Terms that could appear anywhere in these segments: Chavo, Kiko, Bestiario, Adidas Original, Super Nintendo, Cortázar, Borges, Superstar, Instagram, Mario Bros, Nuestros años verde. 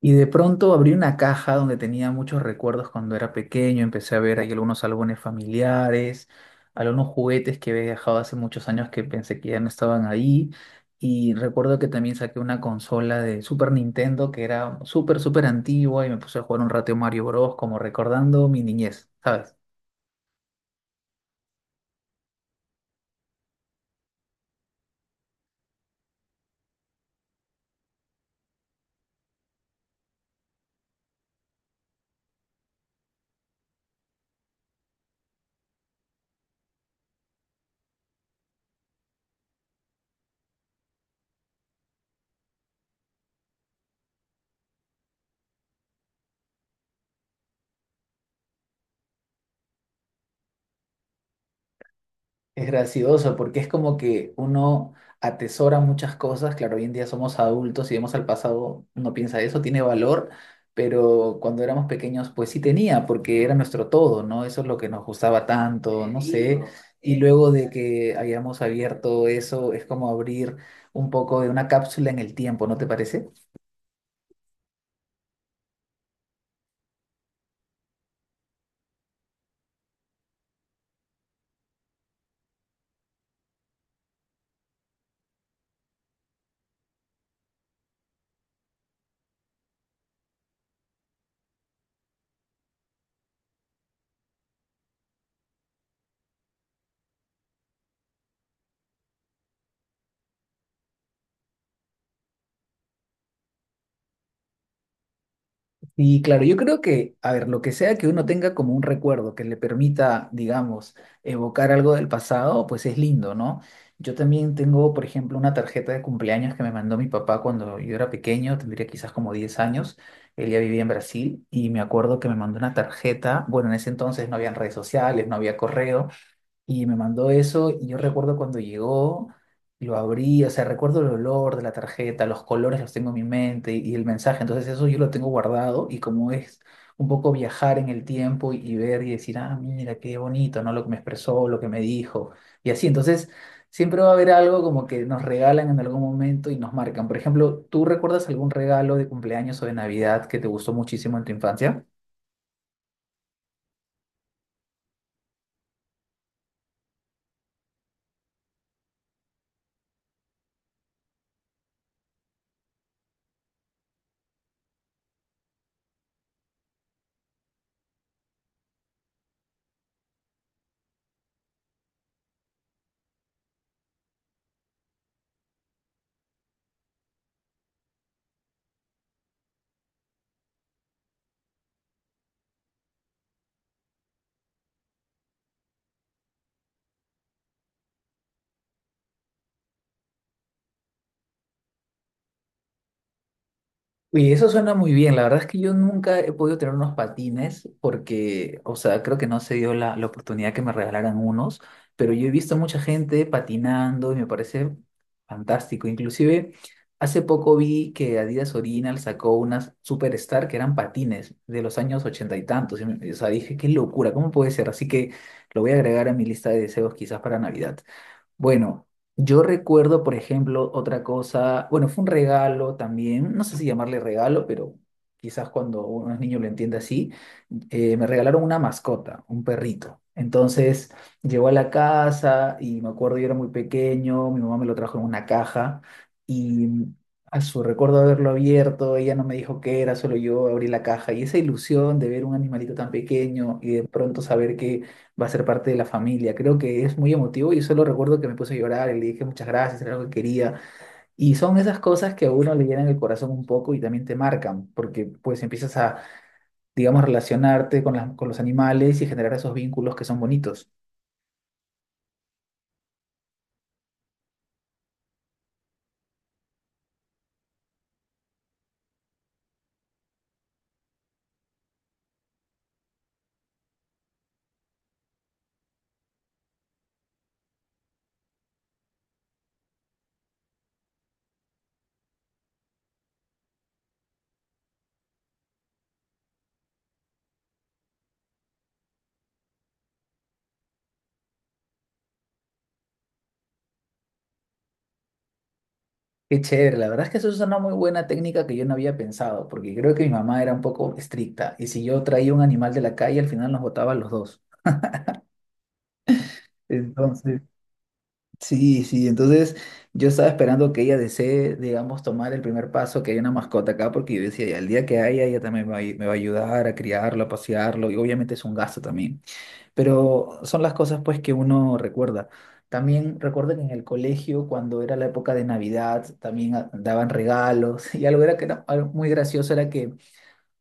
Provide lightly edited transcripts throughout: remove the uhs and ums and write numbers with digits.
Y de pronto abrí una caja donde tenía muchos recuerdos cuando era pequeño, empecé a ver ahí algunos álbumes familiares, algunos juguetes que había dejado hace muchos años que pensé que ya no estaban ahí. Y recuerdo que también saqué una consola de Super Nintendo que era súper antigua y me puse a jugar un rato Mario Bros. Como recordando mi niñez, ¿sabes? Es gracioso porque es como que uno atesora muchas cosas. Claro, hoy en día somos adultos y vemos al pasado, uno piensa eso, tiene valor, pero cuando éramos pequeños, pues sí tenía, porque era nuestro todo, ¿no? Eso es lo que nos gustaba tanto, no sé. Y luego de que hayamos abierto eso, es como abrir un poco de una cápsula en el tiempo, ¿no te parece? Y claro, yo creo que, a ver, lo que sea que uno tenga como un recuerdo que le permita, digamos, evocar algo del pasado, pues es lindo, ¿no? Yo también tengo, por ejemplo, una tarjeta de cumpleaños que me mandó mi papá cuando yo era pequeño, tendría quizás como 10 años. Él ya vivía en Brasil y me acuerdo que me mandó una tarjeta, bueno, en ese entonces no habían redes sociales, no había correo, y me mandó eso y yo recuerdo cuando llegó, lo abrí, o sea, recuerdo el olor de la tarjeta, los colores los tengo en mi mente y el mensaje, entonces eso yo lo tengo guardado y como es un poco viajar en el tiempo y ver y decir, ah, mira, qué bonito, ¿no? Lo que me expresó, lo que me dijo y así, entonces siempre va a haber algo como que nos regalan en algún momento y nos marcan. Por ejemplo, ¿tú recuerdas algún regalo de cumpleaños o de Navidad que te gustó muchísimo en tu infancia? Uy, eso suena muy bien. La verdad es que yo nunca he podido tener unos patines porque, o sea, creo que no se dio la oportunidad que me regalaran unos, pero yo he visto mucha gente patinando y me parece fantástico. Inclusive, hace poco vi que Adidas Original sacó unas Superstar que eran patines de los años ochenta y tantos. O sea, dije, qué locura, ¿cómo puede ser? Así que lo voy a agregar a mi lista de deseos quizás para Navidad. Bueno, yo recuerdo, por ejemplo, otra cosa, bueno, fue un regalo también, no sé si llamarle regalo, pero quizás cuando uno es niño lo entiende así, me regalaron una mascota, un perrito. Entonces llegó a la casa y me acuerdo, yo era muy pequeño, mi mamá me lo trajo en una caja y a su recuerdo haberlo abierto, ella no me dijo qué era, solo yo abrí la caja y esa ilusión de ver un animalito tan pequeño y de pronto saber que va a ser parte de la familia. Creo que es muy emotivo y solo recuerdo que me puse a llorar y le dije muchas gracias, era algo que quería. Y son esas cosas que a uno le llenan el corazón un poco y también te marcan, porque pues empiezas a, digamos, relacionarte con con los animales y generar esos vínculos que son bonitos. Qué chévere, la verdad es que eso es una muy buena técnica que yo no había pensado, porque creo que mi mamá era un poco estricta y si yo traía un animal de la calle, al final nos botaba a los dos. Entonces, sí, sí, entonces yo estaba esperando que ella desee, digamos, tomar el primer paso, que haya una mascota acá, porque yo decía, ya el día que haya, ella también me va a ayudar a criarlo, a pasearlo, y obviamente es un gasto también, pero son las cosas pues que uno recuerda. También recuerdo que en el colegio, cuando era la época de Navidad, también daban regalos, y algo muy gracioso era que,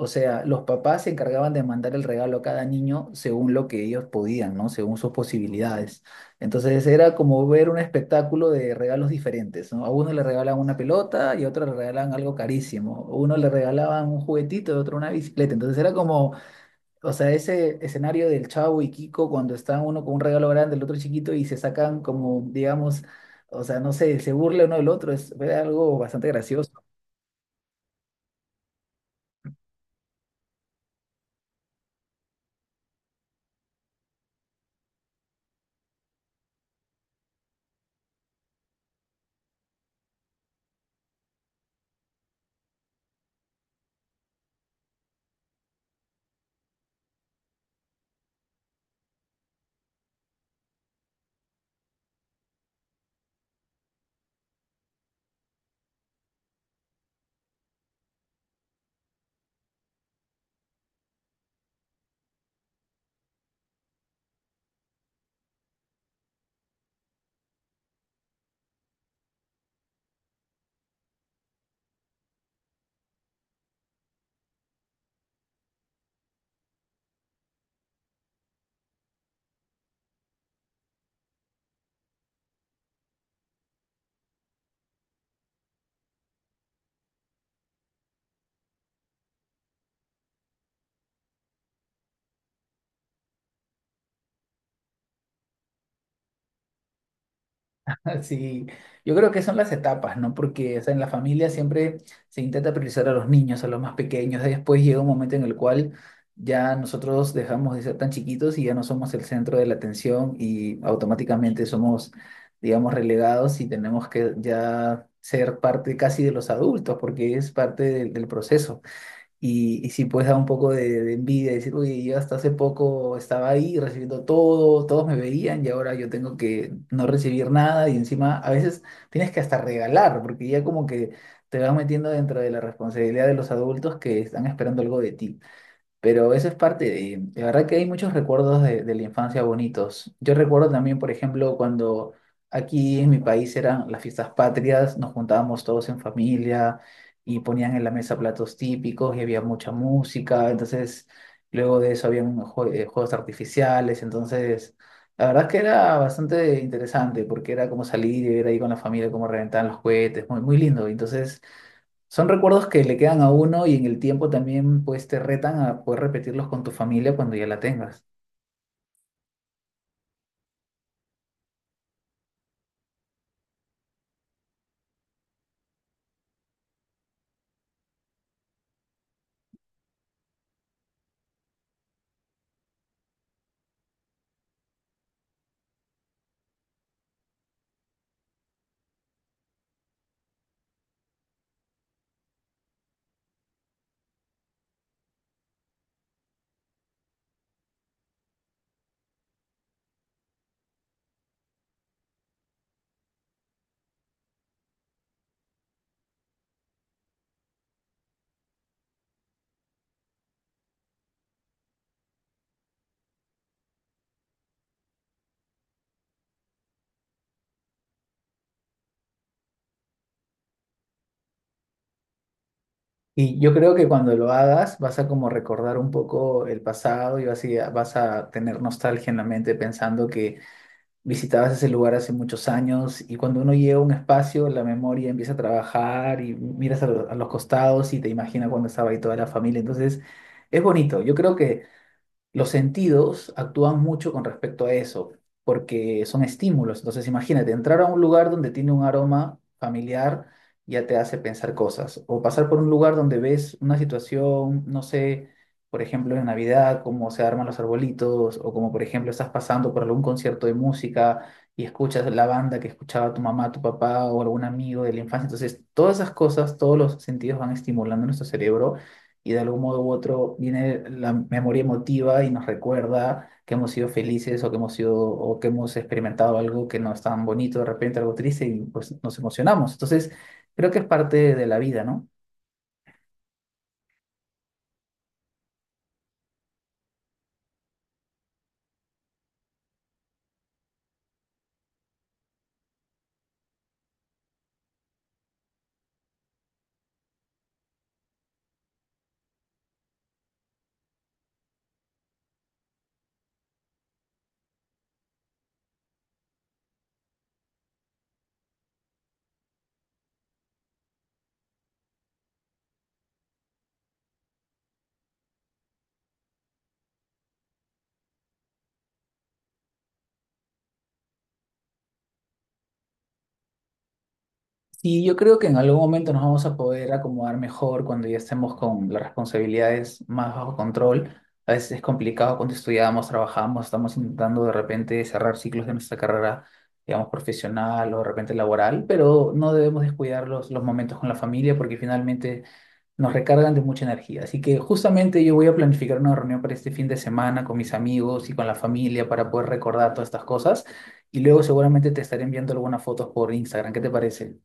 o sea, los papás se encargaban de mandar el regalo a cada niño según lo que ellos podían, ¿no? Según sus posibilidades. Entonces era como ver un espectáculo de regalos diferentes, ¿no? A uno le regalaban una pelota y a otro le regalaban algo carísimo. A uno le regalaban un juguetito, a otro una bicicleta. Entonces era como, o sea, ese escenario del Chavo y Kiko cuando está uno con un regalo grande, el otro chiquito y se sacan como, digamos, o sea, no sé, se burla uno del otro. Fue algo bastante gracioso. Sí, yo creo que son las etapas, ¿no? Porque, o sea, en la familia siempre se intenta priorizar a los niños, a los más pequeños. Después llega un momento en el cual ya nosotros dejamos de ser tan chiquitos y ya no somos el centro de la atención y automáticamente somos, digamos, relegados y tenemos que ya ser parte casi de los adultos porque es parte del proceso. Y sí, pues da un poco de envidia, decir, uy, yo hasta hace poco estaba ahí recibiendo todo, todos me veían y ahora yo tengo que no recibir nada y encima a veces tienes que hasta regalar, porque ya como que te vas metiendo dentro de la responsabilidad de los adultos que están esperando algo de ti. Pero eso es parte de verdad que hay muchos recuerdos de la infancia bonitos. Yo recuerdo también, por ejemplo, cuando aquí en mi país eran las fiestas patrias, nos juntábamos todos en familia y ponían en la mesa platos típicos y había mucha música. Entonces, luego de eso habían juegos artificiales. Entonces, la verdad es que era bastante interesante porque era como salir y ver ahí con la familia cómo reventaban los cohetes, muy, muy lindo. Entonces... Son recuerdos que le quedan a uno y en el tiempo también pues te retan a poder repetirlos con tu familia cuando ya la tengas. Y yo creo que cuando lo hagas vas a como recordar un poco el pasado y vas a tener nostalgia en la mente pensando que visitabas ese lugar hace muchos años y cuando uno llega a un espacio la memoria empieza a trabajar y miras a los costados y te imaginas cuando estaba ahí toda la familia. Entonces es bonito. Yo creo que... Los sentidos actúan mucho con respecto a eso, porque son estímulos. Entonces, imagínate, entrar a un lugar donde tiene un aroma familiar ya te hace pensar cosas, o pasar por un lugar donde ves una situación, no sé, por ejemplo, en Navidad, cómo se arman los arbolitos, o como por ejemplo estás pasando por algún concierto de música y escuchas la banda que escuchaba tu mamá, tu papá o algún amigo de la infancia. Entonces, todas esas cosas, todos los sentidos van estimulando nuestro cerebro y de algún modo u otro viene la memoria emotiva y nos recuerda que hemos sido felices o que hemos experimentado algo que no es tan bonito, de repente algo triste y pues nos emocionamos. Entonces, creo que es parte de la vida, ¿no? Y yo creo que en algún momento nos vamos a poder acomodar mejor cuando ya estemos con las responsabilidades más bajo control. A veces es complicado cuando estudiamos, trabajamos, estamos intentando de repente cerrar ciclos de nuestra carrera, digamos, profesional o de repente laboral, pero no debemos descuidar los momentos con la familia porque finalmente nos recargan de mucha energía. Así que justamente yo voy a planificar una reunión para este fin de semana con mis amigos y con la familia para poder recordar todas estas cosas y luego seguramente te estaré enviando algunas fotos por Instagram. ¿Qué te parece?